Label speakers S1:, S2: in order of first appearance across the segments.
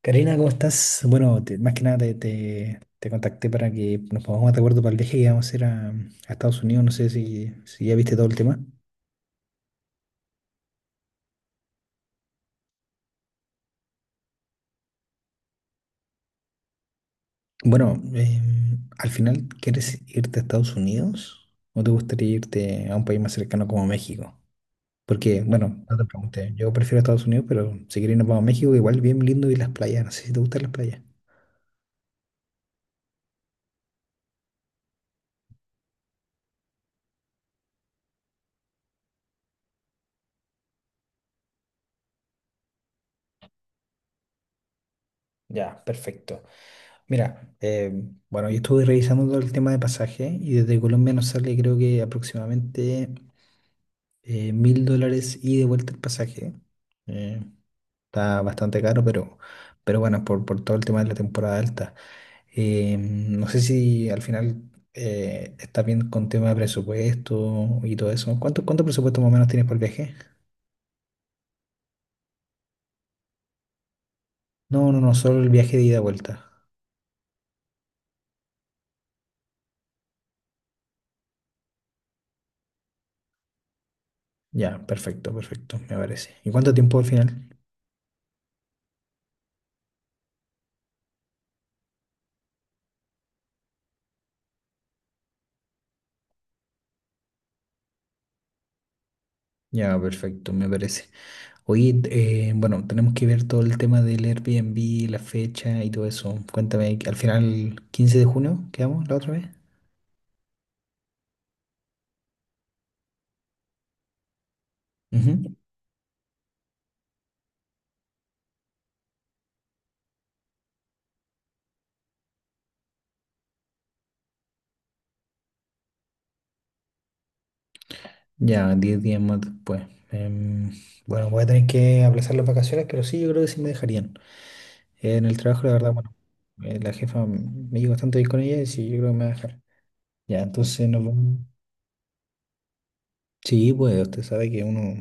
S1: Karina, ¿cómo estás? Bueno, más que nada te contacté para que nos pongamos de acuerdo para el viaje que vamos a hacer a Estados Unidos. No sé si, si ya viste todo el tema. Bueno, al final, ¿quieres irte a Estados Unidos o te gustaría irte a un país más cercano como México? Porque, bueno, no te pregunté, yo prefiero Estados Unidos, pero si quieres nos vamos a México, igual bien lindo y las playas. No sé si te gustan las playas. Ya, perfecto. Mira, bueno, yo estuve revisando todo el tema de pasaje y desde Colombia nos sale creo que aproximadamente $1000 y de vuelta el pasaje. Eh, está bastante caro, pero bueno, por todo el tema de la temporada alta. No sé si al final estás bien con tema de presupuesto y todo eso. ¿Cuánto, cuánto presupuesto más o menos tienes por el viaje? No, no, no, solo el viaje de ida y vuelta. Ya, perfecto, perfecto, me parece. ¿Y cuánto tiempo al final? Ya, perfecto, me parece. Oye, bueno, tenemos que ver todo el tema del Airbnb, la fecha y todo eso. Cuéntame, al final, 15 de junio, ¿quedamos la otra vez? Ujú. Ya, 10 días más después. Em, bueno, voy a tener que aplazar las vacaciones, pero sí, yo creo que sí me dejarían en el trabajo, la verdad, bueno, la me llevo bastante bien con ella y sí, yo creo que me va a dejar. Ya, entonces nos vamos. Sí, pues usted sabe que uno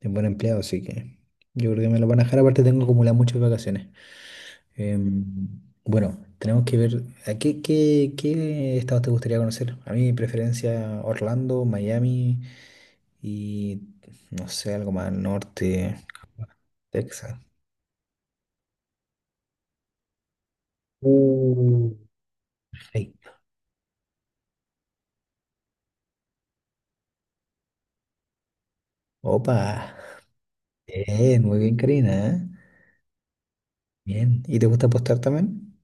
S1: es buen empleado, así que yo creo que me lo van a dejar. Aparte, tengo acumuladas muchas vacaciones. Em, bueno, tenemos que ver a qué estados te gustaría conocer. A mí mi preferencia Orlando, Miami y no sé, algo más al norte, Texas. Uh. Ay, opa, bien, muy bien, Karina, ¿eh? Bien. ¿Y te gusta apostar también?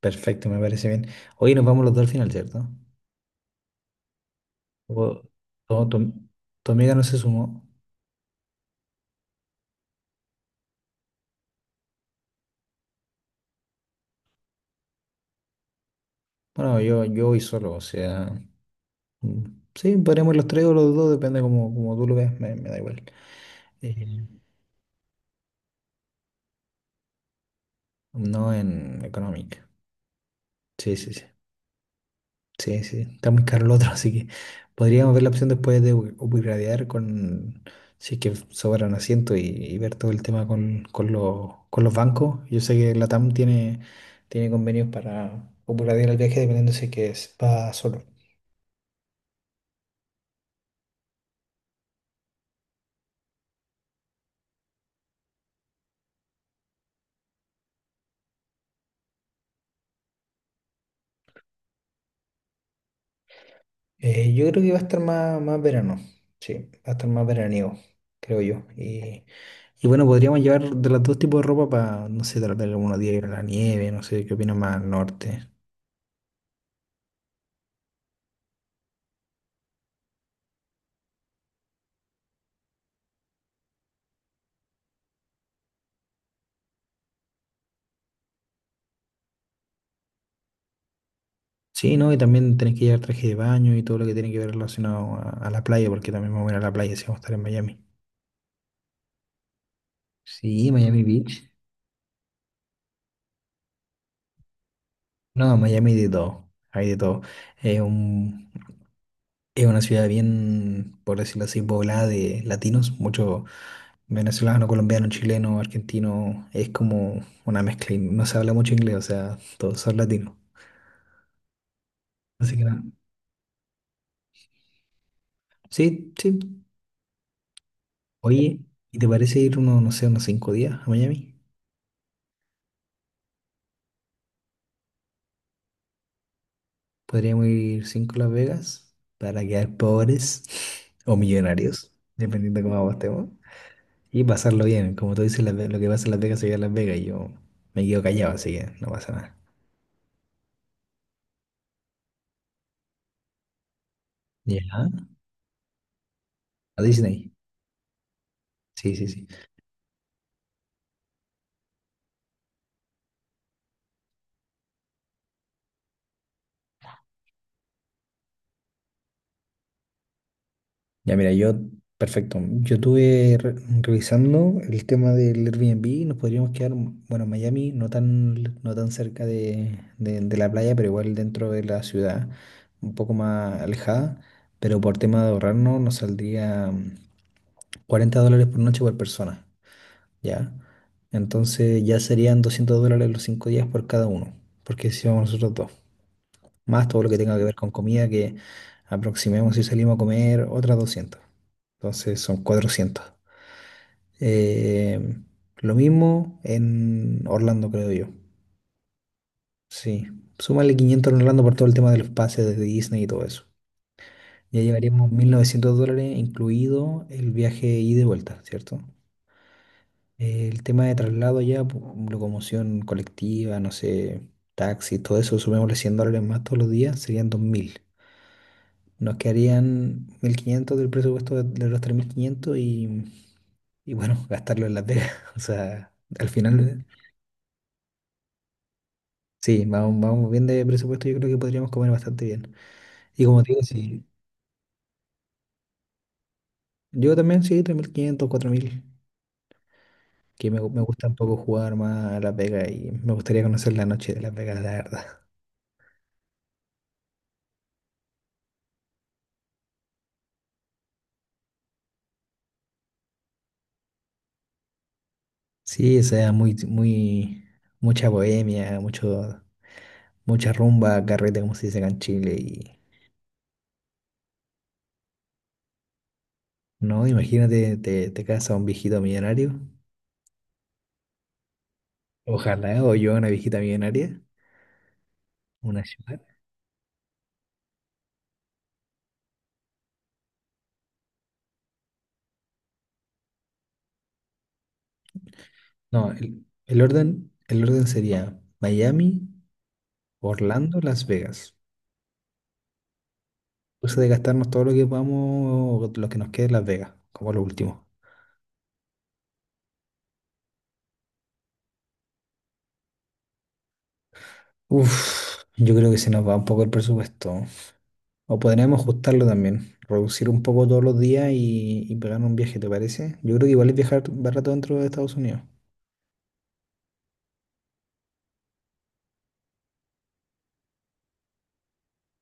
S1: Perfecto, me parece bien. Hoy nos vamos los dos al final, ¿cierto? O- o tu, tu amiga no se sumó. Bueno, yo voy solo, o sea, mm, sí, podríamos ir los tres o los dos, depende como, como tú lo veas, me da igual. Eh, no, en Economic. Sí, sí, sí. Sí, sí. Está muy caro el otro, así que podríamos ver la opción después de upgradear con si es que sobran asientos y ver todo el tema con los bancos. Yo sé que la TAM tiene, tiene convenios para upgradear el viaje dependiendo si es que va solo. Yo creo que va a estar más, más verano, sí, va a estar más veraniego, creo yo. Y bueno, podríamos llevar de los dos tipos de ropa para, no sé, tal vez algunos días ir a la nieve, no sé, qué opinas más al norte. Sí, ¿no? Y también tenés que llevar traje de baño y todo lo que tiene que ver relacionado a la playa, porque también vamos a ir a la playa si vamos a estar en Miami. Sí, Miami Beach. No, Miami, de todo, hay de todo. Es un, es una ciudad bien, por decirlo así, poblada de latinos, mucho venezolano, colombiano, chileno, argentino, es como una mezcla. Y no se habla mucho inglés, o sea, todos son latinos. Así que nada. Sí, sí. Oye, ¿y te parece ir unos, no sé, unos 5 días a Miami? Podríamos ir cinco a Las Vegas para quedar pobres o millonarios, dependiendo de cómo apostemos. Y pasarlo bien. Como tú dices, lo que pasa en Las Vegas se queda en Las Vegas, y yo me quedo callado, así que no pasa nada. Ya. A Disney. Sí, sí, sí. Ya, mira, yo, perfecto. Yo estuve revisando el tema del Airbnb y nos podríamos quedar, mm, bueno, en Miami, no tan, no tan cerca de, de la playa, pero igual dentro de la ciudad, un poco más alejada. Pero por tema de ahorrarnos, nos saldría $40 por noche por persona, ¿ya? Entonces ya serían $200 los 5 días por cada uno, porque si vamos nosotros dos más todo lo que tenga que ver con comida, que aproximemos si salimos a comer otras 200. Entonces son 400. Eh, lo mismo en Orlando, creo yo. Sí, súmale 500 en Orlando por todo el tema de los pases de Disney y todo eso. Ya llevaríamos $1900, incluido el viaje ida y vuelta, ¿cierto? El tema de traslado ya, locomoción colectiva, no sé, taxi, todo eso, sumémosle $100 más todos los días, serían 2000. Nos quedarían 1500 del presupuesto de los 3500 y bueno, gastarlo en Las Vegas. O sea, al final, sí, vamos, vamos bien de presupuesto, yo creo que podríamos comer bastante bien. Y como te digo, sí, yo también sí, 3500, 4000, que me gusta un poco jugar más a Las Vegas y me gustaría conocer la noche de Las Vegas, la verdad. Sí, o sea, muy, muy, mucha bohemia, mucho, mucha rumba, carrete, como se dice acá en Chile. Y no, imagínate, te casa un viejito millonario. Ojalá, o yo una viejita millonaria, una ciudad. No, el orden sería Miami, Orlando, Las Vegas. Pues de gastarnos todo lo que podamos, o lo que nos quede en Las Vegas, como lo último. Uf, yo creo que se nos va un poco el presupuesto. O podríamos ajustarlo también, reducir un poco todos los días y pegar un viaje, ¿te parece? Yo creo que igual es viajar barato dentro de Estados Unidos.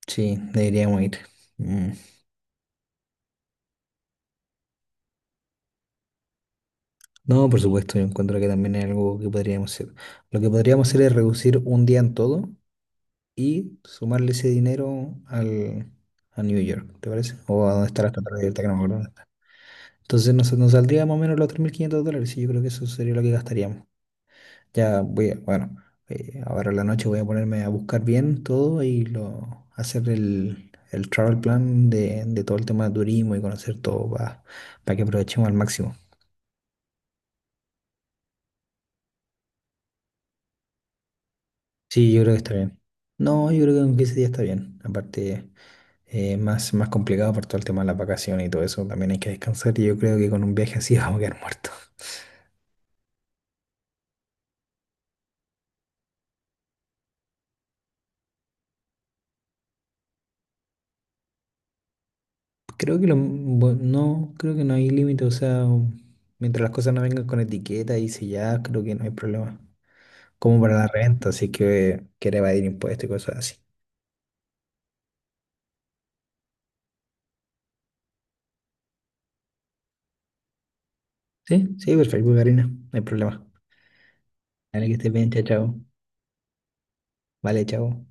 S1: Sí, deberíamos ir. Mm. No, por supuesto, yo encuentro que también es algo que podríamos hacer. Lo que podríamos hacer es reducir un día en todo y sumarle ese dinero al, a New York, ¿te parece? O a donde está la estatua, de que no me acuerdo dónde está. Entonces nos, nos saldría más o menos los $3500 y yo creo que eso sería lo que gastaríamos. Ya voy a, bueno, ahora en la noche voy a ponerme a buscar bien todo y lo, hacer el travel plan de todo el tema de turismo y conocer todo para que aprovechemos al máximo. Sí, yo creo que está bien. No, yo creo que en 15 días está bien. Aparte, más, más complicado por todo el tema de las vacaciones y todo eso. También hay que descansar y yo creo que con un viaje así vamos a quedar muertos. Creo que lo, no, creo que no hay límite. O sea, mientras las cosas no vengan con etiqueta y selladas, creo que no hay problema. Como para la renta, así que quiere evadir impuestos y cosas así. Sí, sí, perfecto, Karina. No hay problema. Dale, que estés bien, chao, chao. Vale, chao.